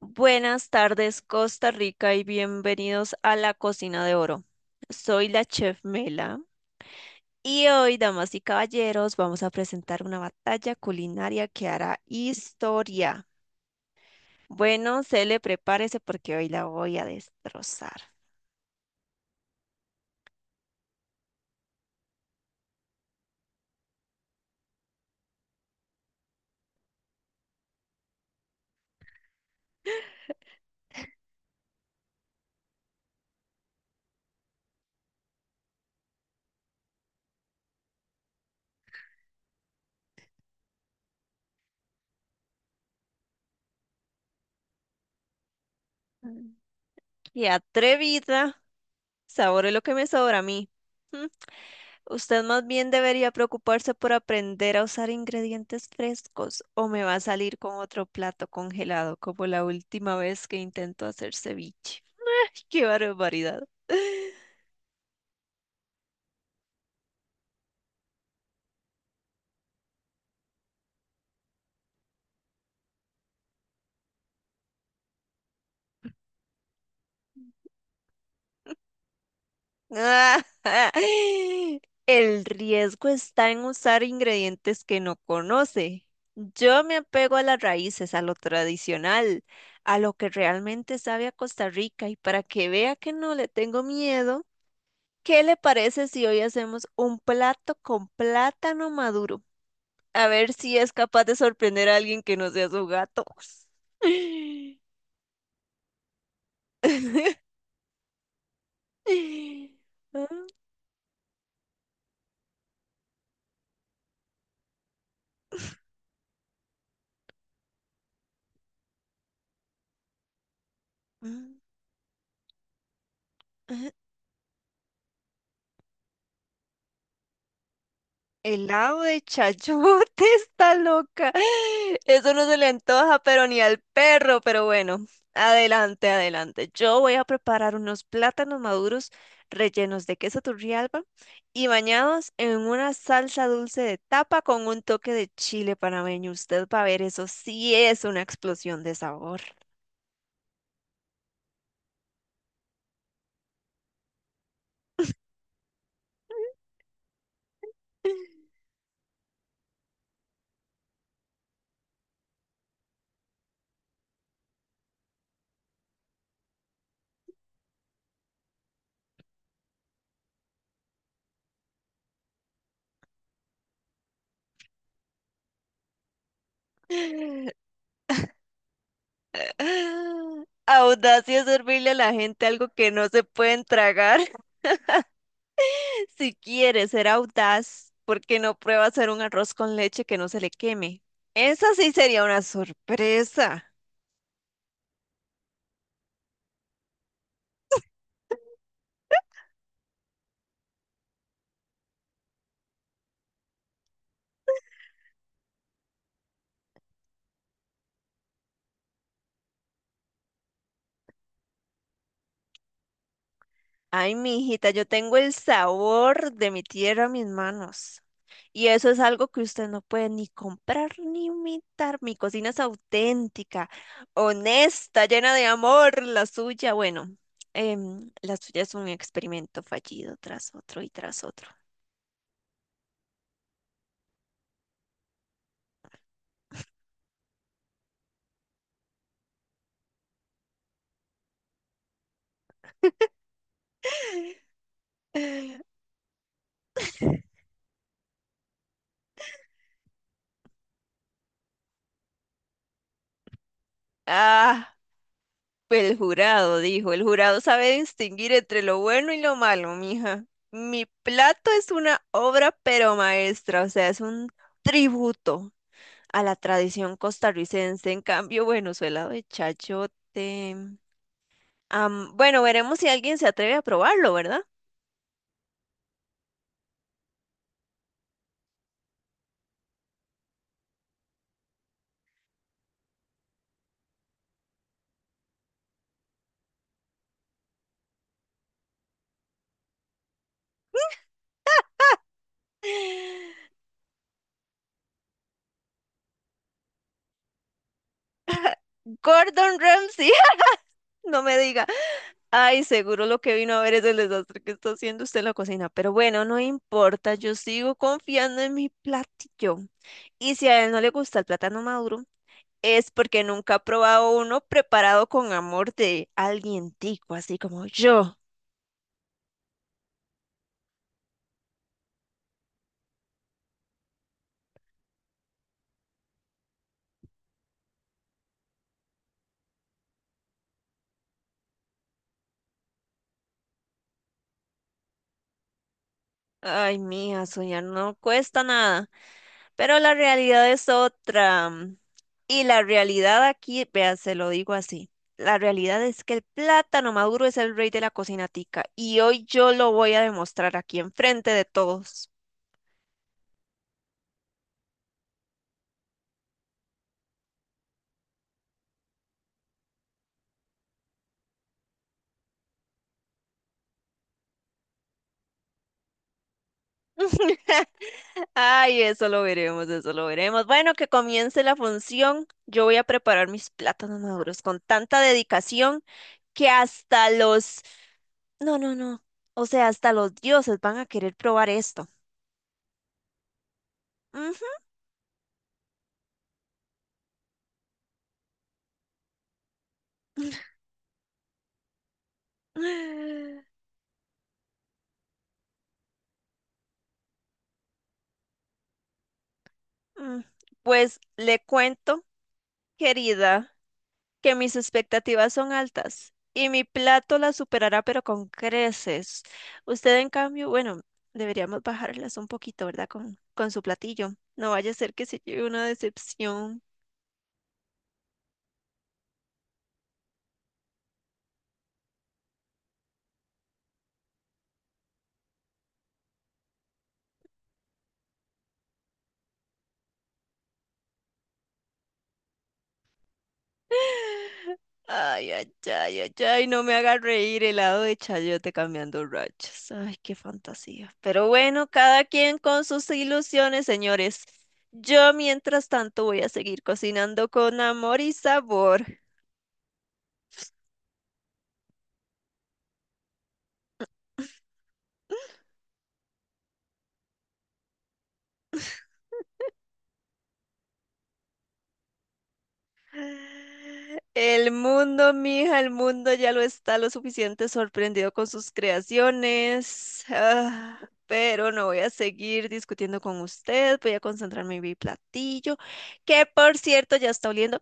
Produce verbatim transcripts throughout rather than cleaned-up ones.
Buenas tardes, Costa Rica, y bienvenidos a la Cocina de Oro. Soy la chef Mela y hoy, damas y caballeros, vamos a presentar una batalla culinaria que hará historia. Bueno, se le prepárese porque hoy la voy a destrozar. Mm. ¡Qué atrevida! Sabore lo que me sobra a mí. Usted más bien debería preocuparse por aprender a usar ingredientes frescos o me va a salir con otro plato congelado como la última vez que intentó hacer ceviche. ¡Qué barbaridad! El riesgo está en usar ingredientes que no conoce. Yo me apego a las raíces, a lo tradicional, a lo que realmente sabe a Costa Rica y para que vea que no le tengo miedo. ¿Qué le parece si hoy hacemos un plato con plátano maduro? A ver si es capaz de sorprender a alguien que no sea su gato. Ah, mm, Helado de chayote está loca. Eso no se le antoja, pero ni al perro, pero bueno, adelante, adelante. Yo voy a preparar unos plátanos maduros rellenos de queso turrialba y bañados en una salsa dulce de tapa con un toque de chile panameño. Usted va a ver, eso sí es una explosión de sabor. Audacia es servirle a la gente algo que no se pueden tragar. Si quieres ser audaz, ¿por qué no prueba hacer un arroz con leche que no se le queme? Esa sí sería una sorpresa. Ay, mi hijita, yo tengo el sabor de mi tierra en mis manos. Y eso es algo que usted no puede ni comprar ni imitar. Mi cocina es auténtica, honesta, llena de amor. La suya, bueno, em, la suya es un experimento fallido tras otro y tras otro. Ah. Pues, El jurado, dijo, el jurado sabe distinguir entre lo bueno y lo malo, mija. Mi plato es una obra pero maestra, o sea, es un tributo a la tradición costarricense. En cambio, bueno, suela de chayote. Am, bueno, veremos si alguien se atreve a probarlo, ¿verdad? Gordon Ramsay, no me diga. Ay, seguro lo que vino a ver es el desastre que está haciendo usted en la cocina. Pero bueno, no importa, yo sigo confiando en mi platillo. Y si a él no le gusta el plátano maduro, es porque nunca ha probado uno preparado con amor de alguien tico, así como yo. Ay, mija, soñar no cuesta nada, pero la realidad es otra. mm, Y la realidad aquí, vea, se lo digo así. La realidad es que el plátano maduro es el rey de la cocina tica y hoy yo lo voy a demostrar aquí enfrente de todos. Ay, eso lo veremos, eso lo veremos. Bueno, que comience la función. Yo voy a preparar mis plátanos maduros con tanta dedicación que hasta los... No, no, no. O sea, hasta los dioses van a querer probar esto. Ujú. Mm, Pues le cuento, querida. Que mis expectativas son altas y mi plato las superará, pero con creces. Usted, en cambio, bueno, deberíamos bajarlas un poquito, ¿verdad? Con, con su platillo. No vaya a ser que se lleve una decepción. Ay, ay, ay, ay, ay, no me haga reír helado de chayote cambiando rachas. Ay, qué fantasía. Pero bueno, cada quien con sus ilusiones, señores. Yo, mientras tanto, voy a seguir cocinando con amor y sabor. El mundo, mija, el mundo ya lo está lo suficiente sorprendido con sus creaciones. Ah, pero no voy a seguir discutiendo con usted. Voy a concentrarme en mi platillo, que por cierto ya está oliendo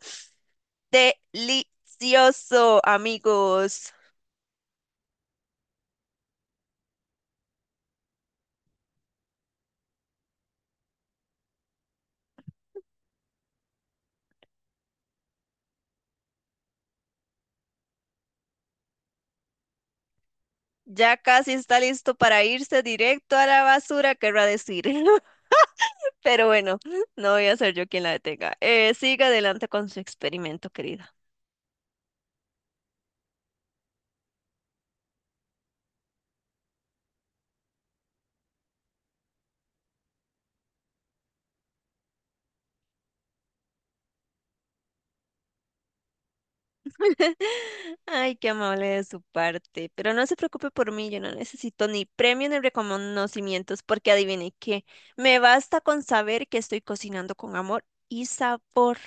delicioso, amigos. Ya casi está listo para irse directo a la basura, querrá decir. Pero bueno, no voy a ser yo quien la detenga. Eh, siga adelante con su experimento, querida. Ay, qué amable de su parte. Pero no se preocupe por mí, yo no necesito ni premio ni reconocimientos, porque adivine qué, me basta con saber que estoy cocinando con amor y sabor.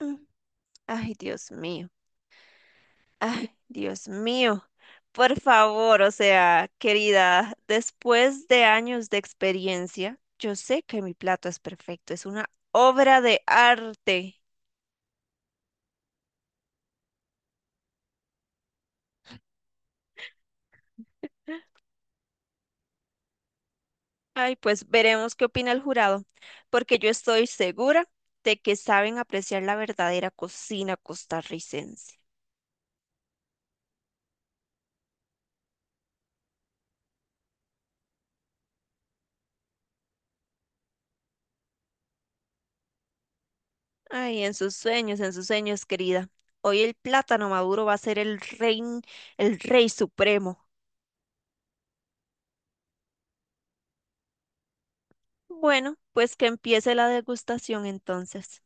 Mm, Ay, Dios mío. Ay, Dios mío. Por favor, o sea, querida, después de años de experiencia, yo sé que mi plato es perfecto, es una obra de arte. Ay, pues veremos qué opina el jurado, porque yo estoy segura de que saben apreciar la verdadera cocina costarricense. Ay, en sus sueños, en sus sueños, querida. Hoy el plátano maduro va a ser el rey, el rey supremo. Bueno, pues que empiece la degustación entonces.